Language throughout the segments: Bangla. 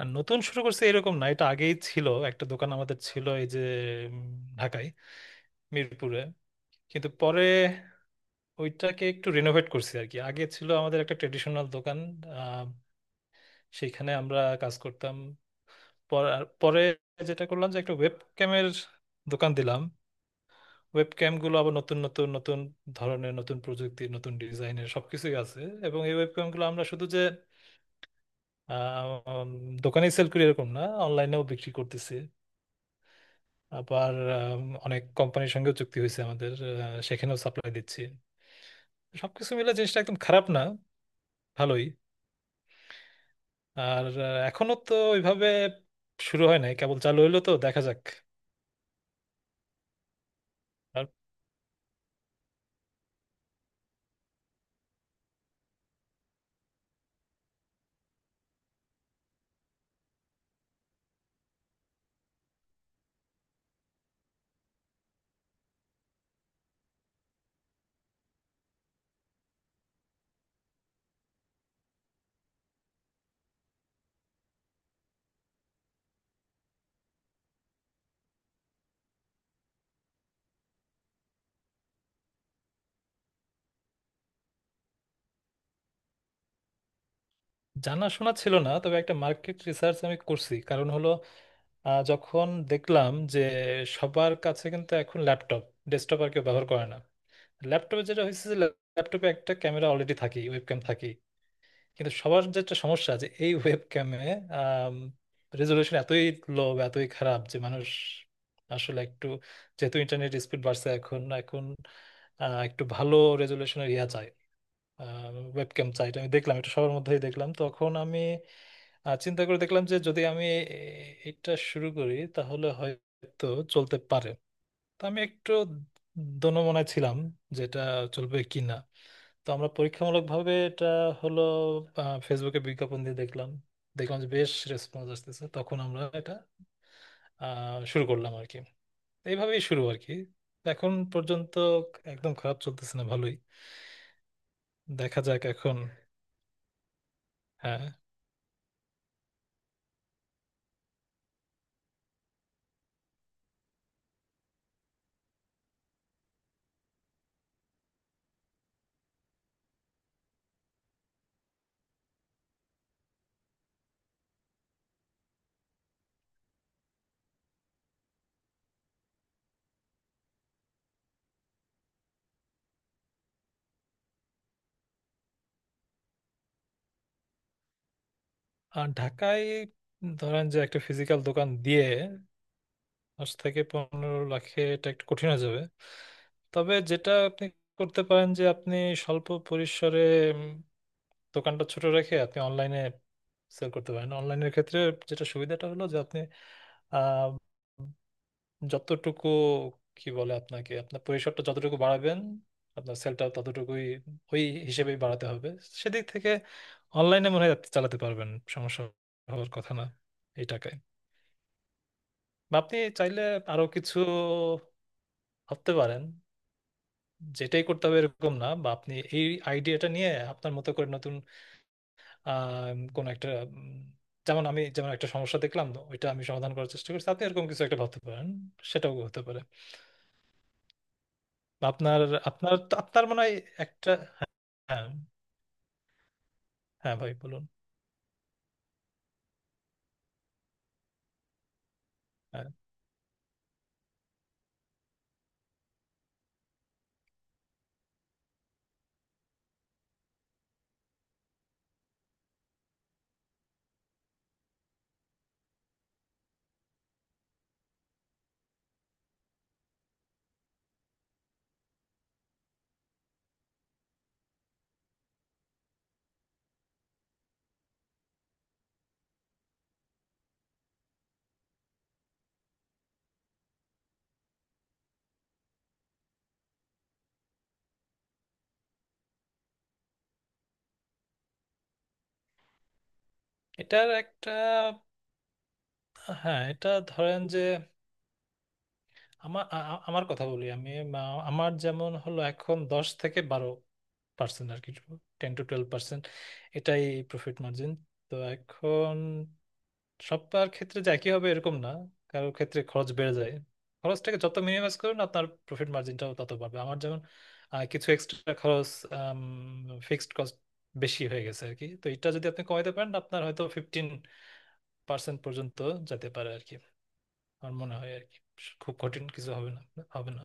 আর নতুন শুরু করছে এরকম না, এটা আগেই ছিল। একটা দোকান আমাদের ছিল এই যে উম, ঢাকায়, মিরপুরে। কিন্তু পরে ওইটাকে একটু রিনোভেট করছি আর কি। আগে ছিল আমাদের একটা ট্রেডিশনাল দোকান, আহ, সেইখানে আমরা কাজ করতাম। আর পরে যেটা করলাম যে একটা ওয়েব ক্যামের দোকান দিলাম। ওয়েব ক্যামগুলো আবার নতুন নতুন নতুন ধরনের, নতুন প্রযুক্তির, নতুন ডিজাইনের সবকিছুই আছে। এবং এই ওয়েব ক্যামগুলো আমরা শুধু যে আহ, উম, দোকানেই সেল করি এরকম না, অনলাইনেও বিক্রি করতেছি। আবার অনেক কোম্পানির সঙ্গেও চুক্তি হয়েছে আমাদের, সেখানেও সাপ্লাই দিচ্ছি। সবকিছু মিলে জিনিসটা একদম খারাপ না, ভালোই। আর এখনো তো ওইভাবে শুরু হয় নাই, কেবল চালু হইলো, তো দেখা যাক। আর জানাশোনা ছিল না, তবে একটা মার্কেট রিসার্চ আমি করছি। কারণ হলো, যখন দেখলাম যে সবার কাছে কিন্তু এখন ল্যাপটপ, ডেস্কটপ আর কেউ ব্যবহার করে না। ল্যাপটপে যেটা হয়েছে যে ল্যাপটপে একটা ক্যামেরা অলরেডি থাকেই, ওয়েবক্যাম থাকেই। কিন্তু সবার যে একটা সমস্যা আছে এই ওয়েব ক্যামে, রেজলিউশন এতই লো, এতই খারাপ যে মানুষ আসলে একটু, যেহেতু ইন্টারনেট স্পিড বাড়ছে এখন, একটু ভালো রেজলিউশনের ইয়া চাই, ওয়েব ক্যাম চাই। এটা আমি দেখলাম, এটা সবার মধ্যেই দেখলাম। তখন আমি চিন্তা করে দেখলাম যে যদি আমি এটা শুরু করি তাহলে হয়তো চলতে পারে। তো আমি একটু দোনো মনে ছিলাম যেটা চলবে কিনা। তো আমরা পরীক্ষামূলকভাবে এটা হলো ফেসবুকে বিজ্ঞাপন দিয়ে দেখলাম, দেখলাম যে বেশ রেসপন্স আসতেছে। তখন আমরা এটা শুরু করলাম আর কি। এইভাবেই শুরু আর কি। এখন পর্যন্ত একদম খারাপ চলতেছে না, ভালোই। দেখা যাক এখন। হ্যাঁ। আর ঢাকায় ধরেন যে একটা ফিজিক্যাল দোকান দিয়ে 10 থেকে 15 লাখে এটা একটু কঠিন হয়ে যাবে। তবে যেটা আপনি করতে পারেন, যে আপনি স্বল্প পরিসরে দোকানটা ছোট রেখে আপনি অনলাইনে সেল করতে পারেন। অনলাইনের ক্ষেত্রে যেটা সুবিধাটা হলো যে আপনি আহ, যতটুকু, কি বলে, আপনাকে আপনার পরিসরটা যতটুকু বাড়াবেন আপনার সেলটা ততটুকুই ওই হিসেবেই বাড়াতে হবে। সেদিক থেকে অনলাইনে মনে হয় আপনি চালাতে পারবেন, সমস্যা হওয়ার কথা না এই টাকায়। বা আপনি চাইলে আরো কিছু ভাবতে পারেন। যেটাই করতে হবে এরকম না, বা আপনি এই আইডিয়াটা নিয়ে আপনার মতো করে নতুন আহ কোন একটা উম, যেমন আমি যেমন একটা সমস্যা দেখলাম ওইটা আমি সমাধান করার চেষ্টা করছি, আপনি এরকম কিছু একটা ভাবতে পারেন। সেটাও হতে পারে। বা আপনার আপনার আপনার মনে হয় একটা, হ্যাঁ। হ্যাঁ ভাই বলুন। হ্যাঁ। এটার একটা, হ্যাঁ, এটা ধরেন যে, আমার আমার কথা বলি। আমি আমার যেমন হলো এখন 10 থেকে 12% আর কি, 10 to 12%, এটাই প্রফিট মার্জিন। তো এখন সবার ক্ষেত্রে যে একই হবে এরকম না, কারোর ক্ষেত্রে খরচ বেড়ে যায়। খরচটাকে যত মিনিমাইজ করুন আপনার প্রফিট মার্জিনটাও তত বাড়বে। আমার যেমন কিছু এক্সট্রা খরচ, ফিক্সড কস্ট বেশি হয়ে গেছে আর কি। তো এটা যদি আপনি কমাতে পারেন আপনার হয়তো 15% পর্যন্ত যেতে পারে আর কি। আমার মনে হয় আর কি, খুব কঠিন কিছু হবে না, হবে না।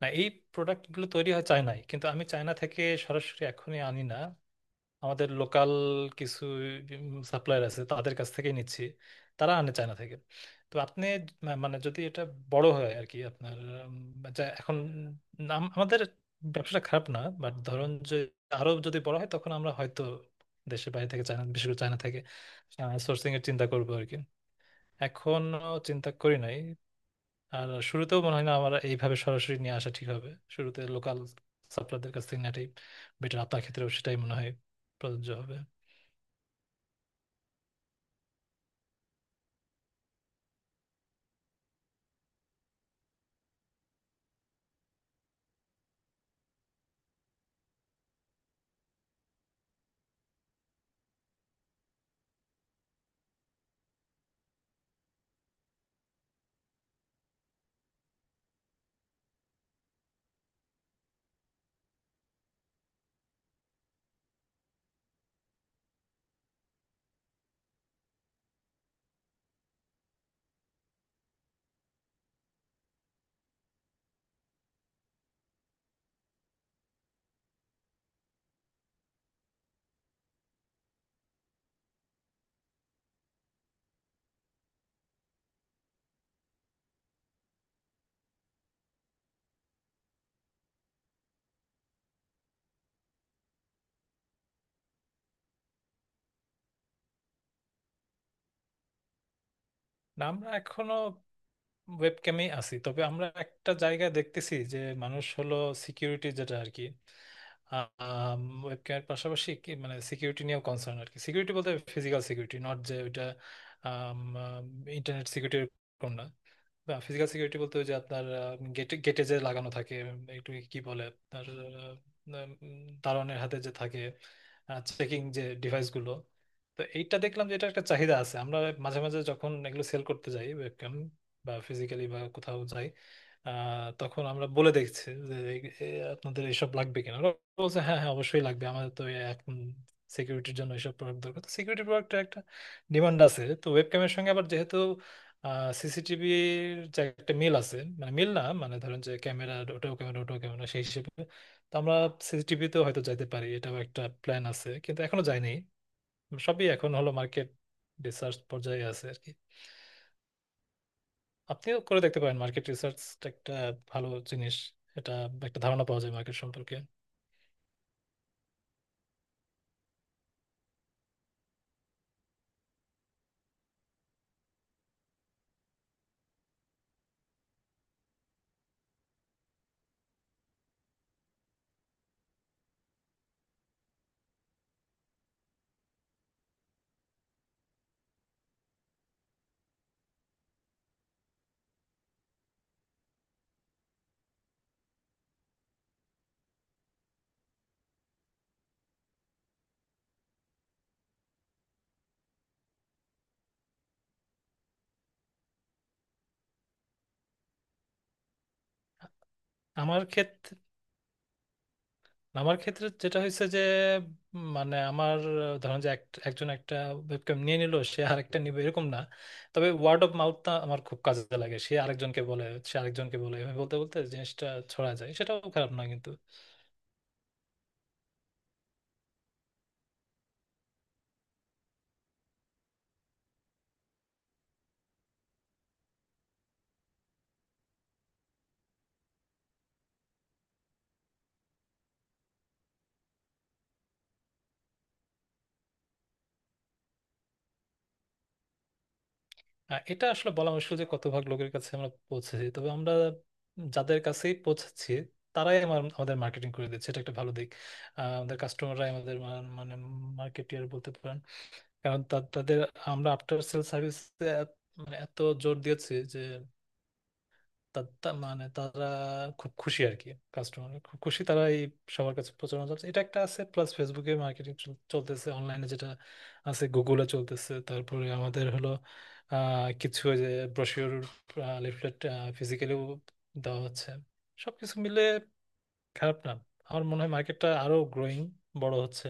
না, এই প্রোডাক্টগুলো তৈরি হয় চায়নায়, কিন্তু আমি চায়না থেকে সরাসরি এখনই আনি না। আমাদের লোকাল কিছু সাপ্লায়ার আছে, তাদের কাছ থেকে নিচ্ছি। তারা আনে চায়না থেকে। তো আপনি মানে যদি এটা বড় হয় আর কি আপনার, যা এখন নাম, আমাদের ব্যবসাটা খারাপ না, বাট ধরুন যে আরো যদি বড় হয় তখন আমরা হয়তো দেশের বাইরে থেকে, চায়না, বিশেষ করে চায়না থেকে সোর্সিং এর চিন্তা করবো আর কি। এখনো চিন্তা করি নাই। আর শুরুতেও মনে হয় না আমার এইভাবে সরাসরি নিয়ে আসা ঠিক হবে। শুরুতে লোকাল সাপ্লায়ারদের কাছ থেকে নেওয়াটাই বেটার। আপনার ক্ষেত্রেও সেটাই মনে হয় প্রযোজ্য হবে। না, আমরা এখনো ওয়েবক্যামে আছি। তবে আমরা একটা জায়গায় দেখতেছি যে মানুষ হলো সিকিউরিটি, যেটা আর কি, ওয়েবক্যামের পাশাপাশি কি মানে সিকিউরিটি নিয়েও কনসার্ন আর কি। সিকিউরিটি বলতে ফিজিক্যাল সিকিউরিটি, নট যে ওইটা ইন্টারনেট সিকিউরিটি, না, ফিজিক্যাল সিকিউরিটি বলতে ওই যে আপনার গেটে গেটে যে লাগানো থাকে, একটু কি বলে আপনার উম, দারোয়ানের হাতে যে থাকে, চেকিং যে ডিভাইস গুলো তো এইটা দেখলাম যে এটা একটা চাহিদা আছে। আমরা মাঝে মাঝে যখন এগুলো সেল করতে যাই, ওয়েবক্যাম বা ফিজিক্যালি বা কোথাও যাই, তখন আমরা বলে দেখছি যে এ আপনাদের এইসব লাগবে কিনা, ওরা বলছে হ্যাঁ হ্যাঁ অবশ্যই লাগবে আমাদের তো এখন সিকিউরিটির জন্য এইসব প্রোডাক্ট দরকার। তো সিকিউরিটি প্রোডাক্টের একটা ডিমান্ড আছে। তো ওয়েবক্যামের সঙ্গে আবার যেহেতু সিসিটিভির যে একটা মিল আছে, মানে মিল না, মানে ধরেন যে ক্যামেরা, ওটাও ক্যামেরা, ওটাও ক্যামেরা, সেই হিসেবে তো আমরা সিসিটিভিতেও হয়তো যাইতে পারি, এটাও একটা প্ল্যান আছে, কিন্তু এখনো যাইনি। সবই এখন হলো মার্কেট রিসার্চ পর্যায়ে আছে আর কি। আপনিও করে দেখতে পারেন মার্কেট রিসার্চ, একটা ভালো জিনিস এটা, একটা ধারণা পাওয়া যায় মার্কেট সম্পর্কে। আমার ক্ষেত্রে আমার ক্ষেত্রে যেটা হয়েছে যে মানে আমার ধরেন যে একজন একটা ওয়েবক্যাম নিয়ে নিল সে আরেকটা নিবে এরকম না। তবে ওয়ার্ড অফ মাউথটা আমার খুব কাজে লাগে। সে আরেকজনকে বলে, সে আরেকজনকে বলে, এভাবে বলতে বলতে জিনিসটা ছড়া যায়, সেটাও খারাপ না কিন্তু। এটা আসলে বলা মুশকিল যে কত ভাগ লোকের কাছে আমরা পৌঁছেছি। তবে আমরা যাদের কাছেই পৌঁছেছি তারাই আমাদের মার্কেটিং করে দিচ্ছে, এটা একটা ভালো দিক। আমাদের কাস্টমাররাই আমাদের মানে মার্কেটিয়ার বলতে পারেন। কারণ তাদের আমরা আফটার সেল সার্ভিস মানে এত জোর দিয়েছি, তা মানে তারা খুব খুশি আর কি। কাস্টমার খুব খুশি, তারা এই সবার কাছে প্রচারণা চলছে, এটা একটা আছে। প্লাস ফেসবুকে মার্কেটিং চলতেছে, অনলাইনে যেটা আছে, গুগলে চলতেছে। তারপরে আমাদের হলো কিছু ওই যে ব্রোশিওর, লিফলেট ফিজিক্যালিও দেওয়া হচ্ছে। সবকিছু মিলে খারাপ না। আমার মনে হয় মার্কেটটা আরো গ্রোয়িং, বড় হচ্ছে।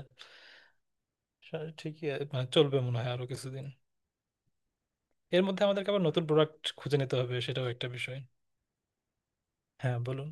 ঠিকই মানে চলবে মনে হয় আরো কিছুদিন। এর মধ্যে আমাদেরকে আবার নতুন প্রোডাক্ট খুঁজে নিতে হবে, সেটাও একটা বিষয়। হ্যাঁ বলুন।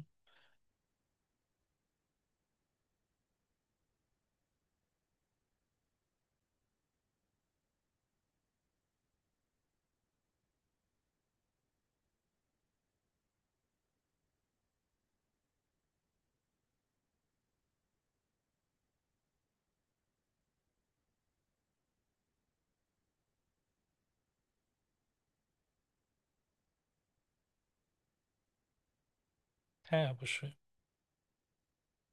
হ্যাঁ অবশ্যই।